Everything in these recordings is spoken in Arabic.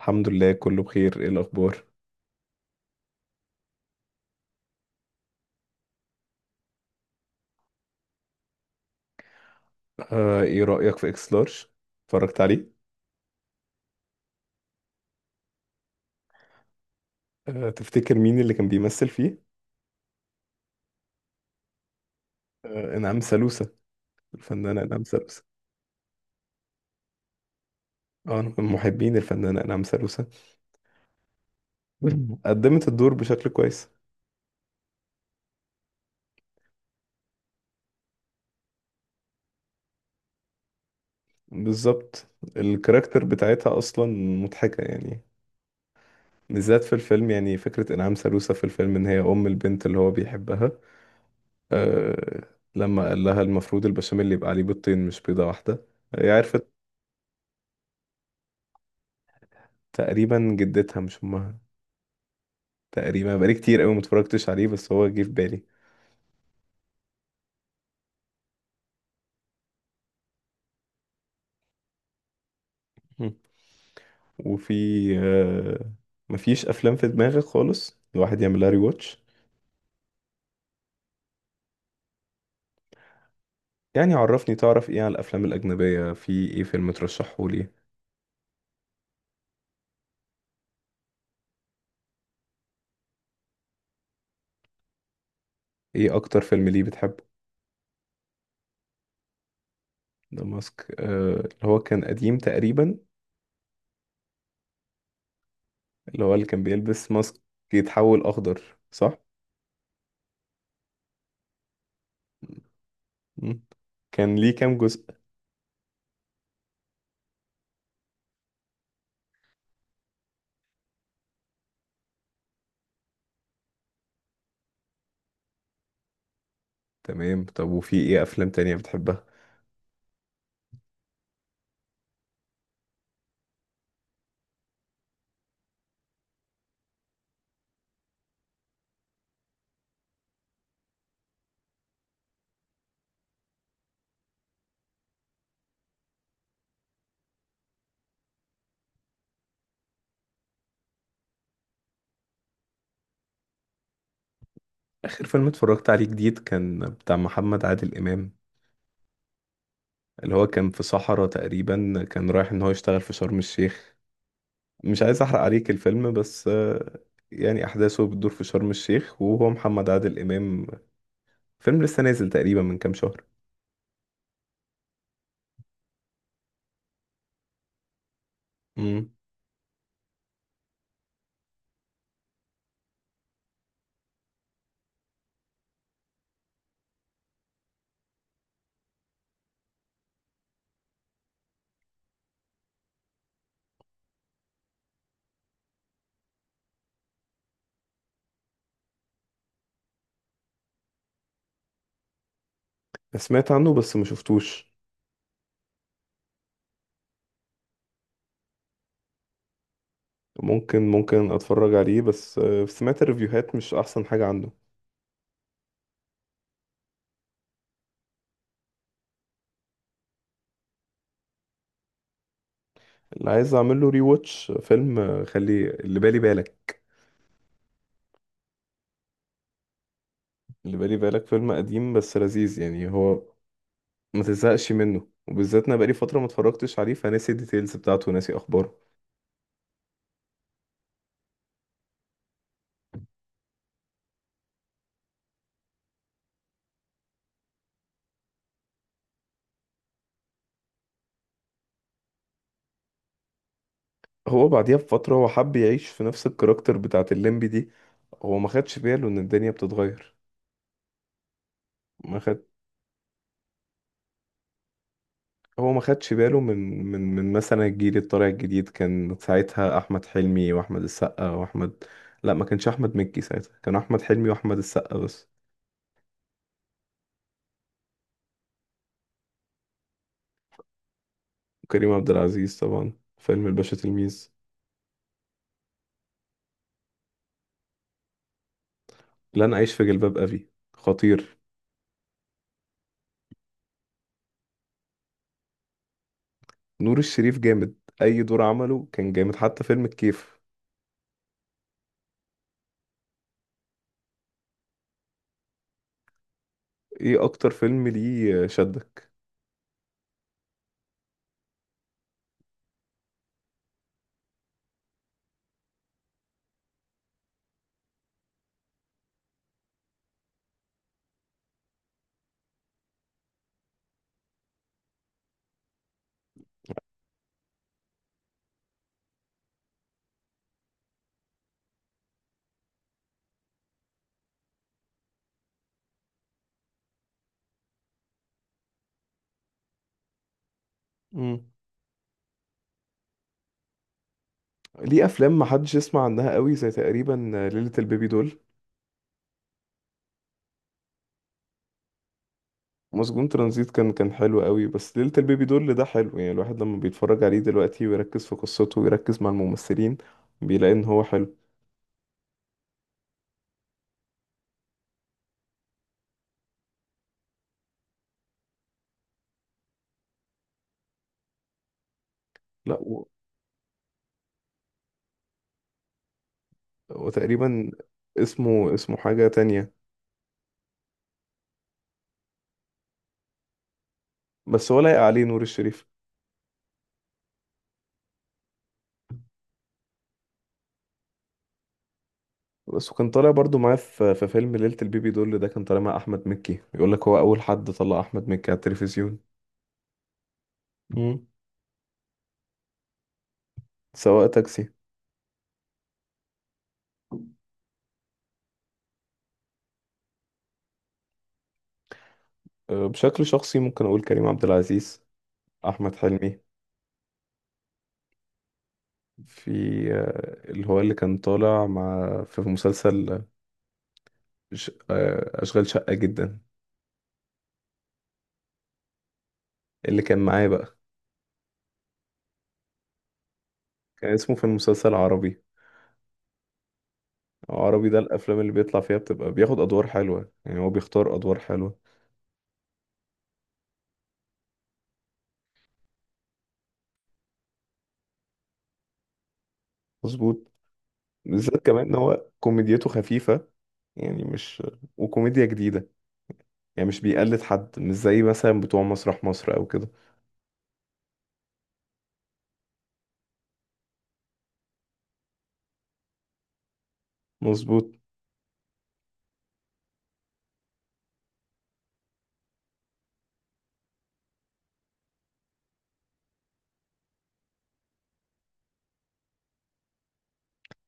الحمد لله، كله بخير. ايه الاخبار؟ ايه رأيك في اكس لارج؟ اتفرجت عليه؟ تفتكر مين اللي كان بيمثل فيه؟ آه، انعام سالوسة. الفنانة انعام سالوسة. اه، انا من محبين الفنانة انعام سالوسة. قدمت الدور بشكل كويس. بالظبط. الكاركتر بتاعتها اصلا مضحكة يعني. بالذات في الفيلم، يعني فكرة انعام سالوسة في الفيلم ان هي ام البنت اللي هو بيحبها. آه. لما قال لها المفروض البشاميل اللي يبقى عليه بيضتين مش بيضة واحدة، هي عرفت. تقريبا جدتها مش امها. تقريبا بقالي كتير قوي متفرجتش عليه بس هو جه في بالي. م. وفي آه، مفيش افلام في دماغك خالص الواحد يعملها ري واتش؟ يعني عرفني، تعرف ايه عن الافلام الاجنبيه؟ في ايه فيلم ترشحه لي؟ ايه اكتر فيلم ليه بتحبه؟ ده ماسك، اللي هو كان قديم تقريبا. اللي هو اللي كان بيلبس ماسك، يتحول اخضر. صح. م. كان ليه كام جزء؟ تمام. طب وفي ايه افلام تانية بتحبها؟ اخر فيلم اتفرجت عليه جديد كان بتاع محمد عادل امام. اللي هو كان في صحراء تقريبا، كان رايح ان هو يشتغل في شرم الشيخ. مش عايز احرق عليك الفيلم بس يعني احداثه بتدور في شرم الشيخ وهو محمد عادل امام. فيلم لسه نازل تقريبا من كام شهر. امم. سمعت عنه بس ما شفتوش. ممكن اتفرج عليه، بس سمعت الريفيوهات مش احسن حاجة عنه. اللي عايز اعمل له ري واتش فيلم، خلي اللي بالي بالك. اللي بالي بالك فيلم قديم بس لذيذ، يعني هو ما تزهقش منه. وبالذات انا بقالي فتره ما اتفرجتش عليه فناسي الديتيلز بتاعته وناسي اخباره. هو بعديها بفتره هو حب يعيش في نفس الكاركتر بتاعت الليمبي دي. هو ما خدش باله ان الدنيا بتتغير. ما خد هو ما خدش باله من مثلا الجيل الطالع الجديد. كان ساعتها احمد حلمي واحمد السقا واحمد. لا، ما كانش احمد مكي ساعتها، كان احمد حلمي واحمد السقا بس. وكريم عبد العزيز طبعا. فيلم الباشا تلميذ. لن اعيش في جلباب ابي خطير. نور الشريف جامد. اي دور عمله كان جامد، حتى فيلم الكيف. ايه اكتر فيلم ليه شدك؟ مم. ليه افلام ما حدش يسمع عنها قوي زي تقريبا ليلة البيبي دول. مسجون ترانزيت كان حلو قوي، بس ليلة البيبي دول ده حلو يعني. الواحد لما بيتفرج عليه دلوقتي ويركز في قصته ويركز مع الممثلين بيلاقي ان هو حلو. لا وتقريبا اسمه حاجة تانية. بس هو لايق عليه نور الشريف. بس وكان طالع برضو معاه في فيلم ليلة البيبي دول، ده كان طالع مع أحمد مكي. يقول لك هو أول حد طلع أحمد مكي على التلفزيون. مم. سواء تاكسي. بشكل شخصي ممكن أقول كريم عبد العزيز، أحمد حلمي. في اللي هو اللي كان طالع مع في مسلسل، ش- أه، أشغال شقة جدا. اللي كان معاه بقى. كان اسمه في المسلسل عربي. عربي ده الأفلام اللي بيطلع فيها بتبقى بياخد أدوار حلوة، يعني هو بيختار أدوار حلوة. مظبوط. بالذات كمان إن هو كوميديته خفيفة. يعني مش وكوميديا جديدة. يعني مش بيقلد حد، مش زي مثلا بتوع مسرح مصر أو كده. مظبوط.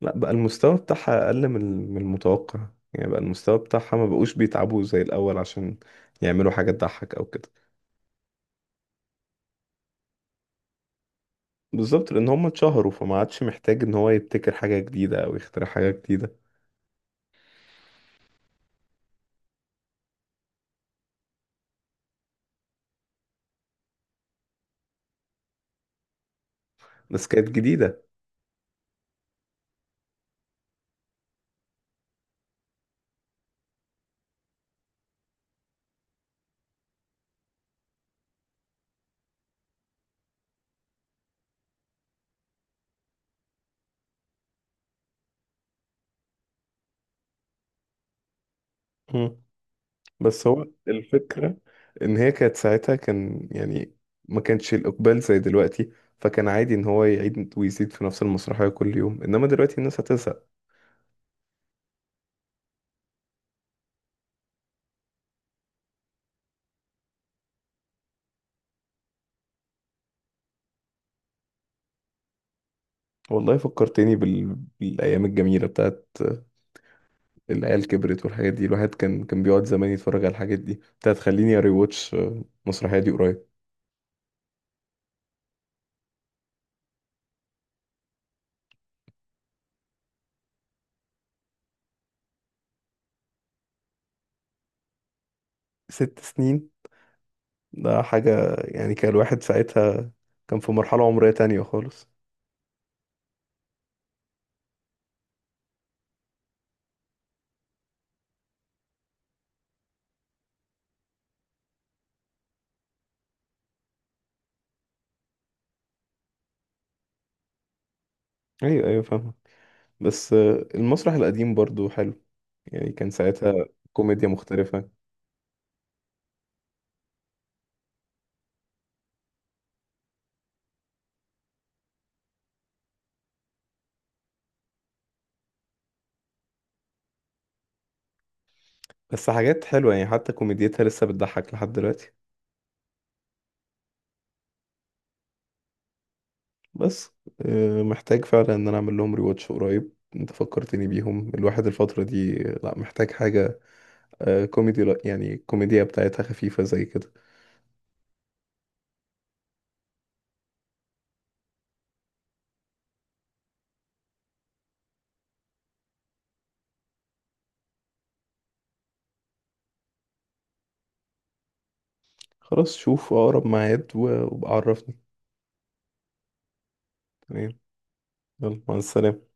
لا بقى المستوى بتاعها أقل من المتوقع. يعني بقى المستوى بتاعها ما بقوش بيتعبوا زي الأول عشان يعملوا حاجة تضحك أو كده. بالظبط، لأن هم اتشهروا فما عادش محتاج إن هو يبتكر حاجة جديدة أو يخترع حاجة جديدة. بس كانت جديدة. بس هو الفكرة إن هي كانت ساعتها، كان يعني ما كانش الإقبال زي دلوقتي. فكان عادي إن هو يعيد ويزيد في نفس المسرحية كل يوم، إنما دلوقتي الناس هتزهق. والله فكرتني بالأيام الجميلة بتاعت العيال كبرت والحاجات دي. الواحد كان بيقعد زمان يتفرج على الحاجات دي، بتاعت خليني أري واتش المسرحية دي قريب. 6 سنين. ده حاجة، يعني كان الواحد ساعتها كان في مرحلة عمرية تانية خالص. أيوة أيوة، فاهمة. بس المسرح القديم برضو حلو. يعني كان ساعتها كوميديا مختلفة. بس حاجات حلوة يعني، حتى كوميديتها لسه بتضحك لحد دلوقتي. بس محتاج فعلا ان انا اعمل لهم ريواتش قريب. انت فكرتني بيهم الواحد الفترة دي. لا، محتاج حاجة كوميدي. لا يعني الكوميديا بتاعتها خفيفة زي كده. خلاص، شوف اقرب ميعاد وابقى عرفني. تمام. يلا، مع السلامة.